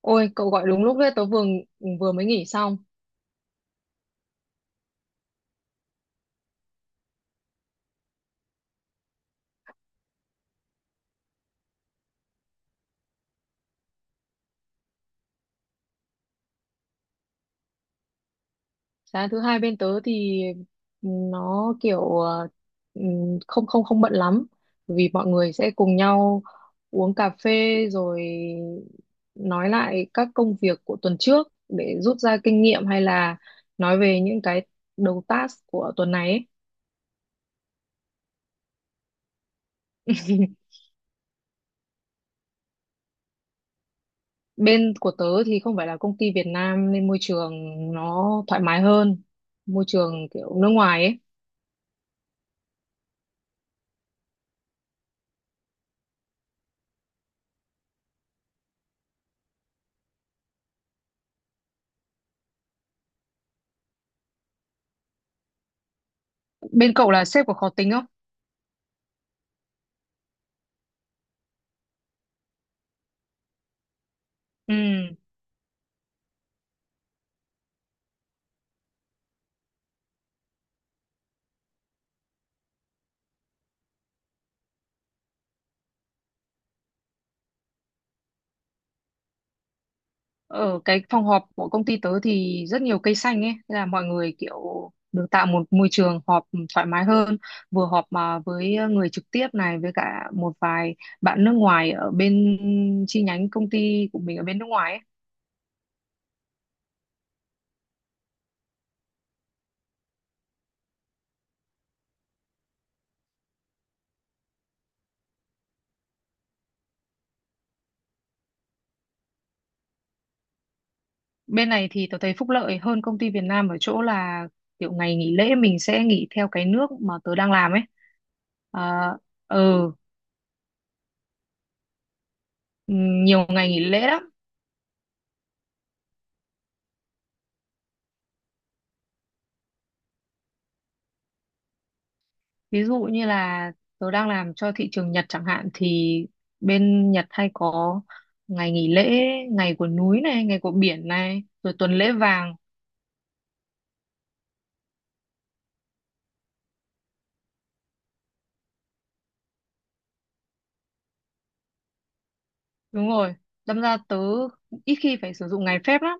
Ôi, cậu gọi đúng lúc đấy, tớ vừa vừa mới nghỉ xong. Sáng thứ hai bên tớ thì nó kiểu không không không bận lắm, vì mọi người sẽ cùng nhau uống cà phê rồi nói lại các công việc của tuần trước để rút ra kinh nghiệm hay là nói về những cái đầu task của tuần này ấy. Bên của tớ thì không phải là công ty Việt Nam nên môi trường nó thoải mái hơn, môi trường kiểu nước ngoài ấy. Bên cậu là sếp có khó tính không? Ừ, ở cái phòng họp của công ty tớ thì rất nhiều cây xanh ấy, nên là mọi người kiểu được tạo một môi trường họp thoải mái hơn, vừa họp mà với người trực tiếp này với cả một vài bạn nước ngoài ở bên chi nhánh công ty của mình ở bên nước ngoài ấy. Bên này thì tớ thấy phúc lợi hơn công ty Việt Nam ở chỗ là kiểu ngày nghỉ lễ mình sẽ nghỉ theo cái nước mà tớ đang làm ấy. À, ừ, nhiều ngày nghỉ lễ lắm. Ví dụ như là tớ đang làm cho thị trường Nhật chẳng hạn thì bên Nhật hay có ngày nghỉ lễ, ngày của núi này, ngày của biển này, rồi tuần lễ vàng. Đúng rồi. Đâm ra tớ ít khi phải sử dụng ngày phép lắm.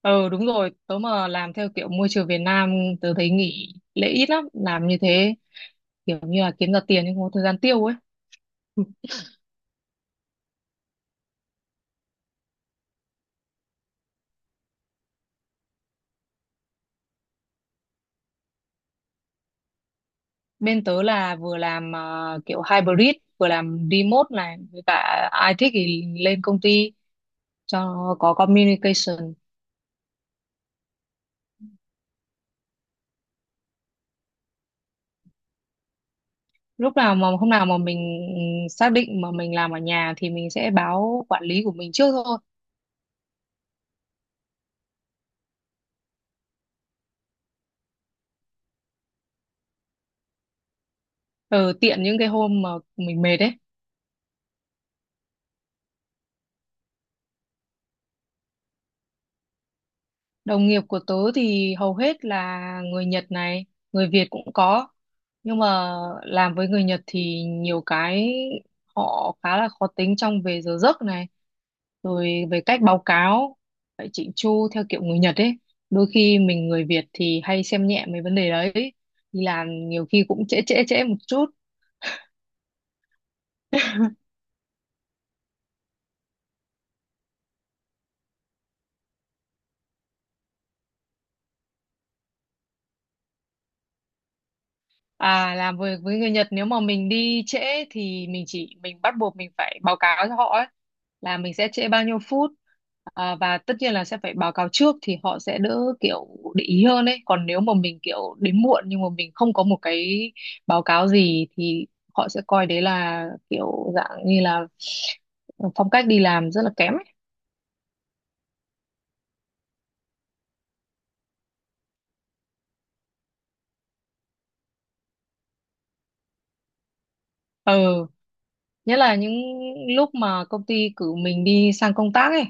Ờ đúng rồi, tớ mà làm theo kiểu môi trường Việt Nam tớ thấy nghỉ lễ ít lắm, làm như thế kiểu như là kiếm ra tiền nhưng không có thời gian tiêu ấy. Bên tớ là vừa làm kiểu hybrid, vừa làm remote này, với cả ai thích thì lên công ty cho nó có communication. Lúc nào mà hôm nào mà mình xác định mà mình làm ở nhà thì mình sẽ báo quản lý của mình trước thôi. Ờ, Tiện những cái hôm mà mình mệt ấy. Đồng nghiệp của tớ thì hầu hết là người Nhật này, người Việt cũng có, nhưng mà làm với người Nhật thì nhiều cái họ khá là khó tính trong về giờ giấc này rồi về cách báo cáo phải chỉnh chu theo kiểu người Nhật ấy, đôi khi mình người Việt thì hay xem nhẹ mấy vấn đề đấy, đi làm nhiều khi cũng trễ trễ trễ một chút. À, làm việc với người Nhật nếu mà mình đi trễ thì mình bắt buộc mình phải báo cáo cho họ ấy, là mình sẽ trễ bao nhiêu phút. À, và tất nhiên là sẽ phải báo cáo trước thì họ sẽ đỡ kiểu để ý hơn ấy. Còn nếu mà mình kiểu đến muộn nhưng mà mình không có một cái báo cáo gì thì họ sẽ coi đấy là kiểu dạng như là phong cách đi làm rất là kém ấy. Ừ, nhất là những lúc mà công ty cử mình đi sang công tác ấy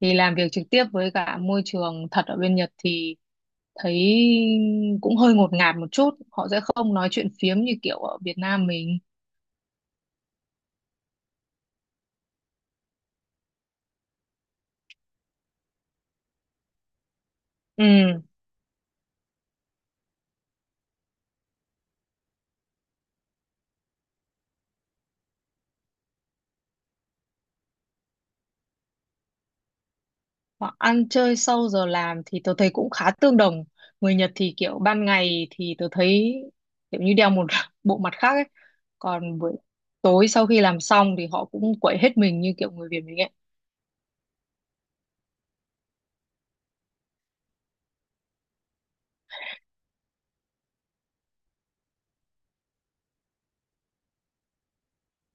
thì làm việc trực tiếp với cả môi trường thật ở bên Nhật thì thấy cũng hơi ngột ngạt một chút, họ sẽ không nói chuyện phiếm như kiểu ở Việt Nam mình. Ừ, họ ăn chơi sau giờ làm thì tôi thấy cũng khá tương đồng, người Nhật thì kiểu ban ngày thì tôi thấy kiểu như đeo một bộ mặt khác ấy, còn buổi tối sau khi làm xong thì họ cũng quậy hết mình như kiểu người Việt mình ấy.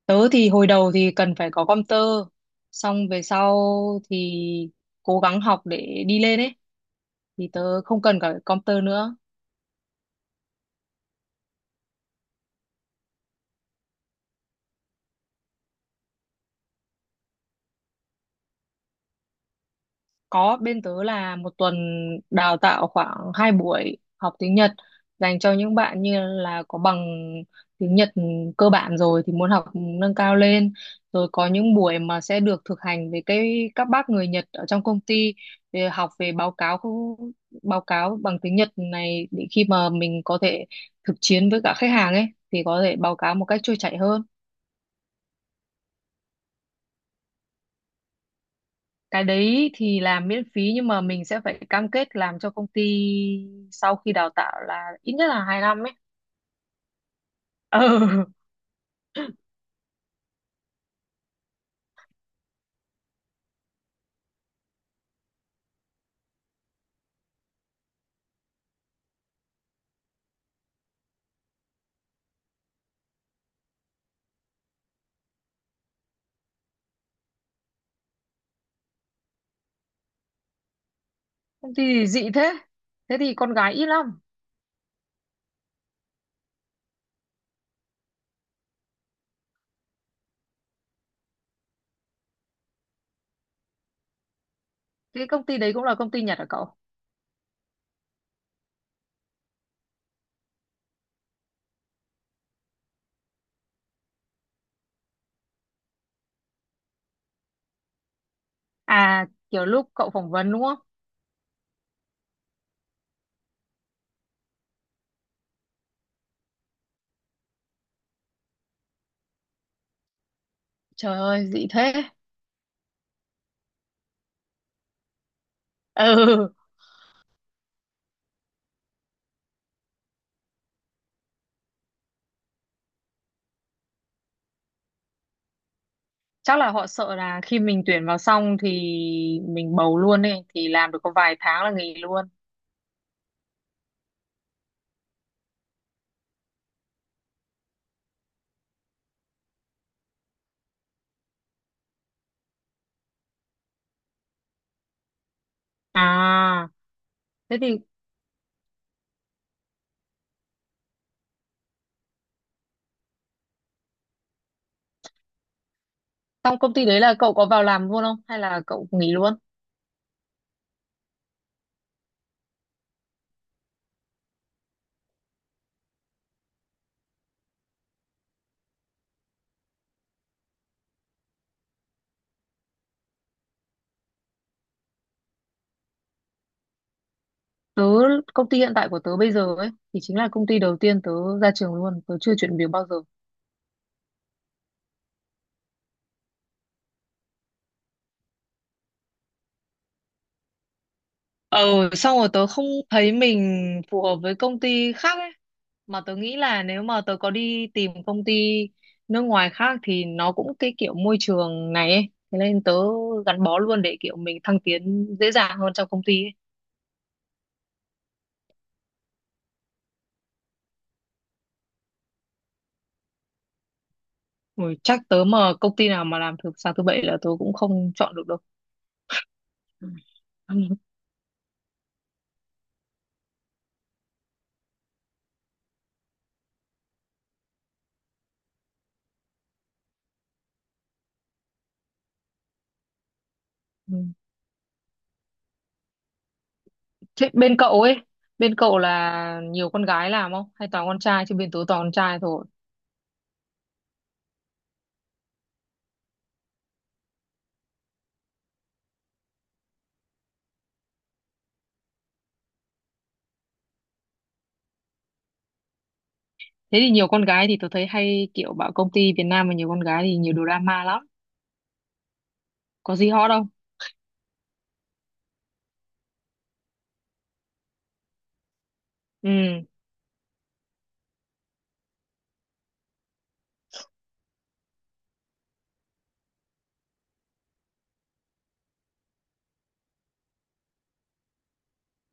Tớ thì hồi đầu thì cần phải có công tơ, xong về sau thì cố gắng học để đi lên ấy, thì tớ không cần cả computer nữa. Có, bên tớ là một tuần đào tạo khoảng 2 buổi học tiếng Nhật dành cho những bạn như là có bằng tiếng Nhật cơ bản rồi thì muốn học nâng cao lên, rồi có những buổi mà sẽ được thực hành với cái các bác người Nhật ở trong công ty để học về báo cáo báo cáo bằng tiếng Nhật này để khi mà mình có thể thực chiến với cả khách hàng ấy thì có thể báo cáo một cách trôi chảy hơn. Cái đấy thì làm miễn phí nhưng mà mình sẽ phải cam kết làm cho công ty sau khi đào tạo là ít nhất là 2 năm ấy. Ừ. Công ty thì dị thế, thế thì con gái ít lắm. Cái công ty đấy cũng là công ty Nhật hả cậu? À, kiểu lúc cậu phỏng vấn đúng không? Trời ơi, dị thế. Ừ, chắc là họ sợ là khi mình tuyển vào xong thì mình bầu luôn ấy thì làm được có vài tháng là nghỉ luôn. À, thế thì trong công ty đấy là cậu có vào làm luôn không hay là cậu nghỉ luôn? Tớ, công ty hiện tại của tớ bây giờ ấy thì chính là công ty đầu tiên tớ ra trường luôn, tớ chưa chuyển việc bao giờ. Ờ, xong rồi tớ không thấy mình phù hợp với công ty khác ấy, mà tớ nghĩ là nếu mà tớ có đi tìm công ty nước ngoài khác thì nó cũng cái kiểu môi trường này ấy, thế nên tớ gắn bó luôn để kiểu mình thăng tiến dễ dàng hơn trong công ty ấy. Ui, chắc tớ mà công ty nào mà làm thứ sáng thứ bảy là tớ cũng không chọn được đâu. Ừ. Thế bên cậu ấy, bên cậu là nhiều con gái làm không? Hay toàn con trai? Chứ bên tớ toàn con trai thôi. Thế thì nhiều con gái thì tớ thấy hay kiểu bảo công ty Việt Nam mà nhiều con gái thì nhiều drama lắm. Có gì hot đâu. Ừ.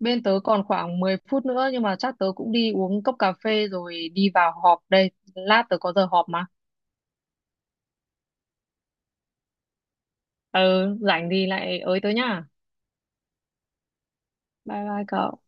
Bên tớ còn khoảng 10 phút nữa nhưng mà chắc tớ cũng đi uống cốc cà phê rồi đi vào họp đây. Lát tớ có giờ họp mà. Ừ, rảnh thì lại ới tớ nhá. Bye bye cậu.